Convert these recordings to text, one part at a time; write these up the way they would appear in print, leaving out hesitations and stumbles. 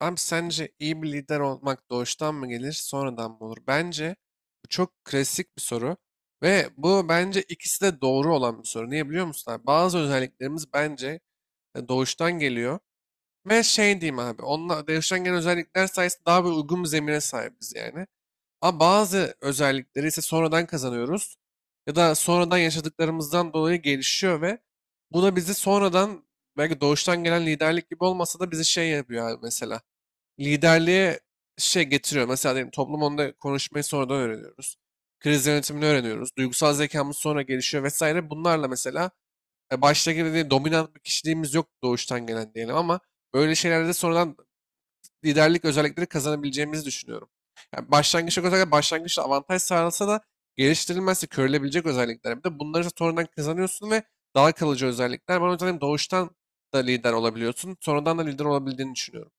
Abi sence iyi bir lider olmak doğuştan mı gelir, sonradan mı olur? Bence bu çok klasik bir soru ve bu bence ikisi de doğru olan bir soru. Niye biliyor musun abi? Bazı özelliklerimiz bence doğuştan geliyor ve şey diyeyim abi, onunla doğuştan gelen özellikler sayesinde daha bir uygun bir zemine sahibiz yani. Ama bazı özellikleri ise sonradan kazanıyoruz ya da sonradan yaşadıklarımızdan dolayı gelişiyor ve bu da bizi sonradan belki doğuştan gelen liderlik gibi olmasa da bizi şey yapıyor abi mesela liderliğe şey getiriyor. Mesela diyelim toplum onda konuşmayı sonradan öğreniyoruz. Kriz yönetimini öğreniyoruz. Duygusal zekamız sonra gelişiyor vesaire. Bunlarla mesela başta gibi değil, dominant bir kişiliğimiz yok doğuştan gelen diyelim ama böyle şeylerde de sonradan liderlik özellikleri kazanabileceğimizi düşünüyorum. Yani başlangıçta özellikle başlangıçta avantaj sağlansa da geliştirilmezse körülebilecek özellikler. Bir de bunları sonradan kazanıyorsun ve daha kalıcı özellikler. Ben o yüzden doğuştan da lider olabiliyorsun. Sonradan da lider olabildiğini düşünüyorum.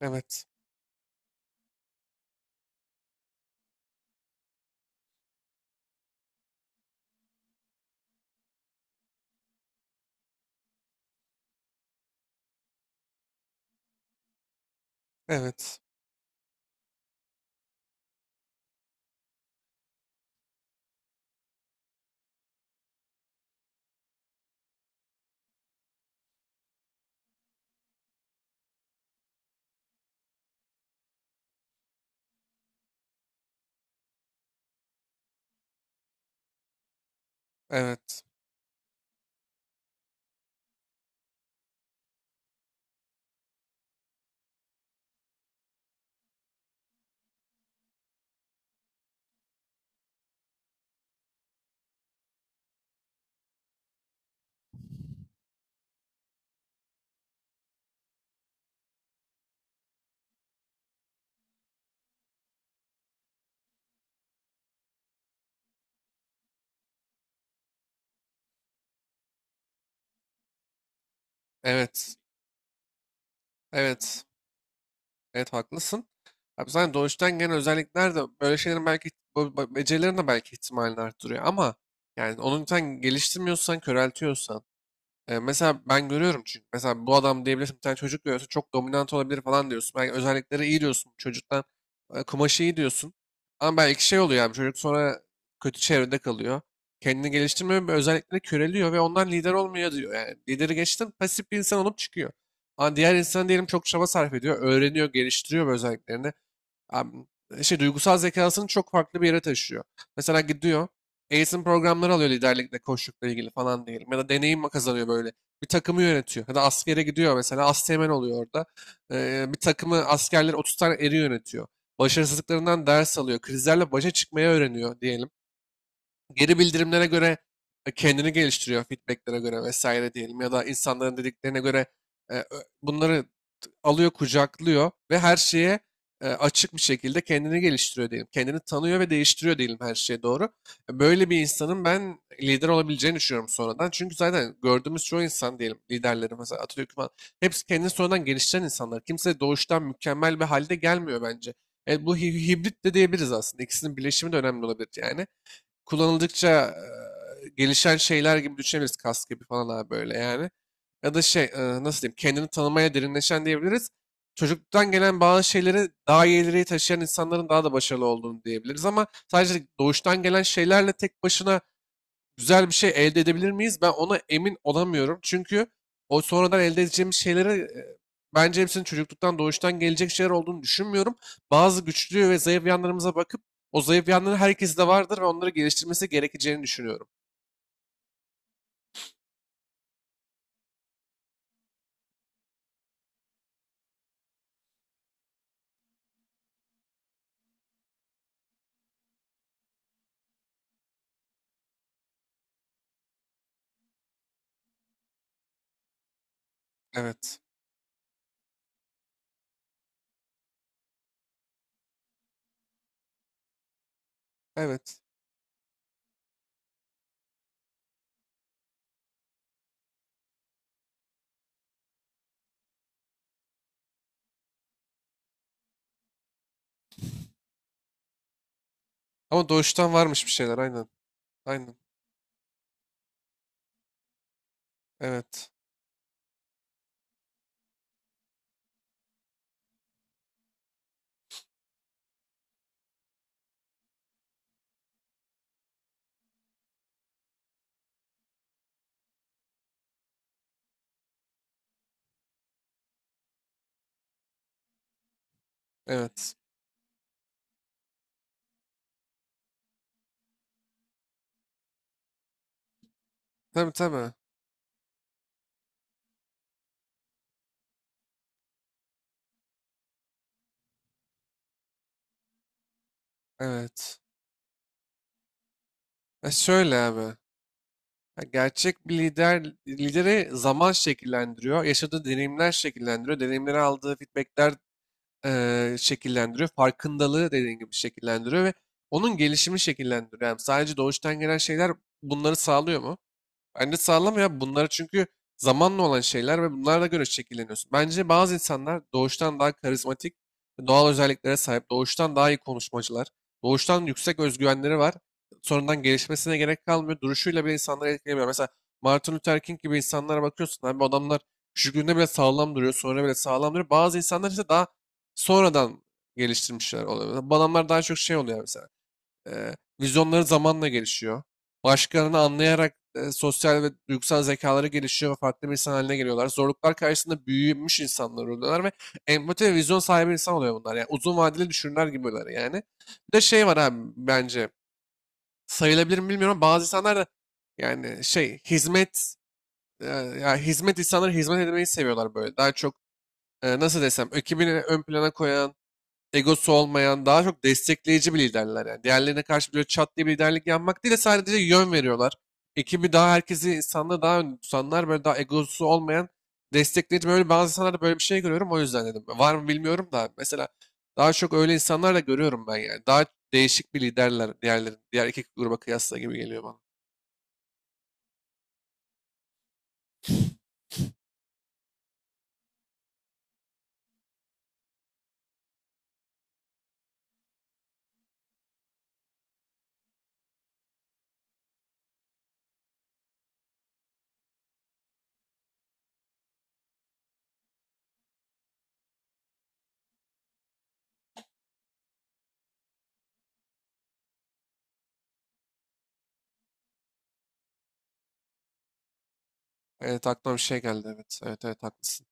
Evet. Evet. Evet. Evet. Evet. Evet, haklısın. Abi zaten doğuştan gelen özellikler de böyle şeylerin belki becerilerin de belki ihtimalini arttırıyor ama yani onu sen geliştirmiyorsan, köreltiyorsan. Mesela ben görüyorum çünkü mesela bu adam diyebilirsin, bir tane çocuk görüyorsun, çok dominant olabilir falan diyorsun. Belki özellikleri iyi diyorsun bu çocuktan, kumaşı iyi diyorsun. Ama belki şey oluyor, yani çocuk sonra kötü çevrede kalıyor. Kendini geliştirmiyor ve özellikleri köreliyor ve ondan lider olmuyor diyor. Yani lideri geçtim pasif bir insan olup çıkıyor. Ama diğer insan diyelim çok çaba sarf ediyor. Öğreniyor, geliştiriyor bu özelliklerini. Am- şey duygusal zekasını çok farklı bir yere taşıyor. Mesela gidiyor eğitim programları alıyor liderlikle, koçlukla ilgili falan diyelim. Ya da deneyim kazanıyor böyle. Bir takımı yönetiyor. Ya da askere gidiyor mesela. Asteğmen oluyor orada. Bir takımı askerler 30 tane eri yönetiyor. Başarısızlıklarından ders alıyor. Krizlerle başa çıkmayı öğreniyor diyelim, geri bildirimlere göre kendini geliştiriyor, feedbacklere göre vesaire diyelim, ya da insanların dediklerine göre e, ö- bunları alıyor, kucaklıyor ve her şeye açık bir şekilde kendini geliştiriyor diyelim. Kendini tanıyor ve değiştiriyor diyelim her şeye doğru. Böyle bir insanın ben lider olabileceğini düşünüyorum sonradan. Çünkü zaten gördüğümüz çoğu insan diyelim, liderleri mesela Atatürk falan, hepsi kendini sonradan geliştiren insanlar. Kimse doğuştan mükemmel bir halde gelmiyor bence. Hibrit de diyebiliriz aslında. İkisinin birleşimi de önemli olabilir yani, kullanıldıkça gelişen şeyler gibi düşünebiliriz. Kas gibi falan abi, böyle yani. Ya da şey, nasıl diyeyim, kendini tanımaya derinleşen diyebiliriz. Çocukluktan gelen bazı şeyleri daha iyi ileriye taşıyan insanların daha da başarılı olduğunu diyebiliriz, ama sadece doğuştan gelen şeylerle tek başına güzel bir şey elde edebilir miyiz? Ben ona emin olamıyorum. Çünkü o sonradan elde edeceğimiz şeyleri e, bence hepsinin çocukluktan doğuştan gelecek şeyler olduğunu düşünmüyorum. Bazı güçlü ve zayıf yanlarımıza bakıp o zayıf yanları herkeste vardır ve onları geliştirmesi gerekeceğini düşünüyorum. Evet. Evet. Ama doğuştan varmış bir şeyler, aynen. Aynen. Evet. Evet. Tabii, tabii. Evet. E şöyle abi. Ya, gerçek bir lider, lideri zaman şekillendiriyor. Yaşadığı deneyimler şekillendiriyor. Deneyimleri, aldığı feedbackler şekillendiriyor. Farkındalığı, dediğin gibi, şekillendiriyor ve onun gelişimi şekillendiriyor. Yani sadece doğuştan gelen şeyler bunları sağlıyor mu? Bence sağlam ya bunlar, çünkü zamanla olan şeyler ve bunlara göre şekilleniyorsun. Bence bazı insanlar doğuştan daha karizmatik, doğal özelliklere sahip, doğuştan daha iyi konuşmacılar, doğuştan yüksek özgüvenleri var. Sonradan gelişmesine gerek kalmıyor. Duruşuyla bile insanları etkilemiyor. Mesela Martin Luther King gibi insanlara bakıyorsun abi, bu adamlar küçüklüğünde bile sağlam duruyor, sonra bile sağlam duruyor. Bazı insanlar ise daha sonradan geliştirmişler oluyor. Bu adamlar daha çok şey oluyor mesela. Eee, vizyonları zamanla gelişiyor. Başkalarını anlayarak sosyal ve duygusal zekaları gelişiyor ve farklı bir insan haline geliyorlar. Zorluklar karşısında büyümüş insanlar oluyorlar ve empati ve vizyon sahibi insan oluyor bunlar. Yani uzun vadeli düşünürler gibi oluyorlar yani. Bir de şey var abi, bence sayılabilir mi bilmiyorum. Bazı insanlar da yani şey, hizmet, e, ya hizmet insanları, hizmet etmeyi seviyorlar böyle. Daha çok nasıl desem, ekibini ön plana koyan, egosu olmayan, daha çok destekleyici bir liderler yani. Diğerlerine karşı böyle çat diye bir liderlik yapmak değil de sadece yön veriyorlar. Ekibi daha, herkesi, insanları daha önde tutanlar, böyle daha egosu olmayan, destekleyici, böyle bazı insanlarda böyle bir şey görüyorum, o yüzden dedim. Var mı bilmiyorum da mesela daha çok öyle insanlar da görüyorum ben yani. Daha değişik bir liderler diğerlerin, diğer iki gruba kıyasla gibi geliyor bana. Evet, aklıma bir şey geldi, evet. Evet, evet, haklısın.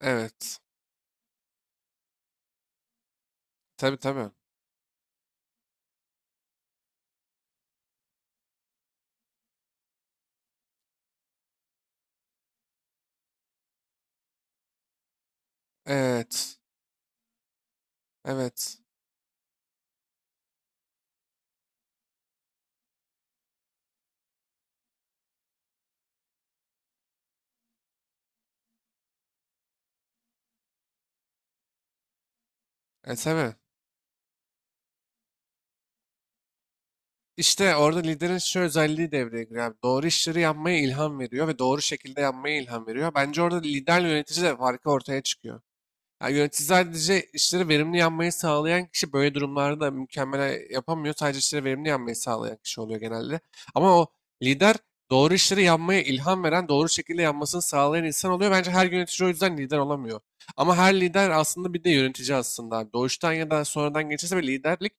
Evet. Tabii, tabii. Evet. Evet. E tabii. İşte orada liderin şu özelliği devreye giriyor, abi. Doğru işleri yapmaya ilham veriyor ve doğru şekilde yapmaya ilham veriyor. Bence orada liderle yönetici de farkı ortaya çıkıyor. Yani yönetici sadece işleri verimli yapmayı sağlayan kişi, böyle durumlarda mükemmel yapamıyor. Sadece işleri verimli yapmayı sağlayan kişi oluyor genelde. Ama o lider, doğru işleri yapmaya ilham veren, doğru şekilde yapmasını sağlayan insan oluyor. Bence her yönetici o yüzden lider olamıyor. Ama her lider aslında bir de yönetici aslında, abi. Doğuştan ya da sonradan geçirse bir liderlik,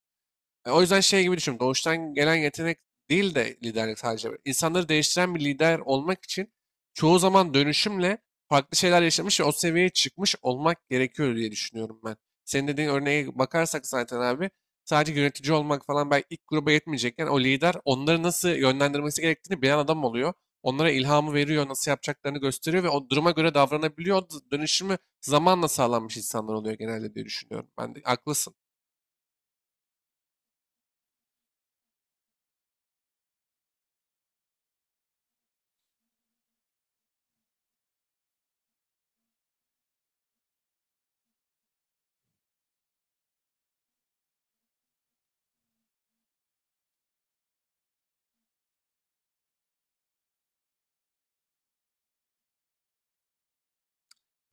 o yüzden şey gibi düşün. Doğuştan gelen yetenek değil de liderlik sadece. İnsanları değiştiren bir lider olmak için çoğu zaman dönüşümle farklı şeyler yaşamış ve o seviyeye çıkmış olmak gerekiyor diye düşünüyorum ben. Senin dediğin örneğe bakarsak zaten abi, sadece yönetici olmak falan belki ilk gruba yetmeyecekken, o lider onları nasıl yönlendirmesi gerektiğini bilen adam oluyor. Onlara ilhamı veriyor, nasıl yapacaklarını gösteriyor ve o duruma göre davranabiliyor. O dönüşümü zamanla sağlanmış insanlar oluyor genelde diye düşünüyorum. Ben de haklısın.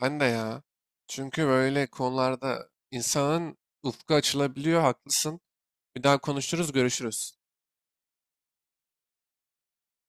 Ben de ya. Çünkü böyle konularda insanın ufku açılabiliyor, haklısın. Bir daha konuşuruz, görüşürüz.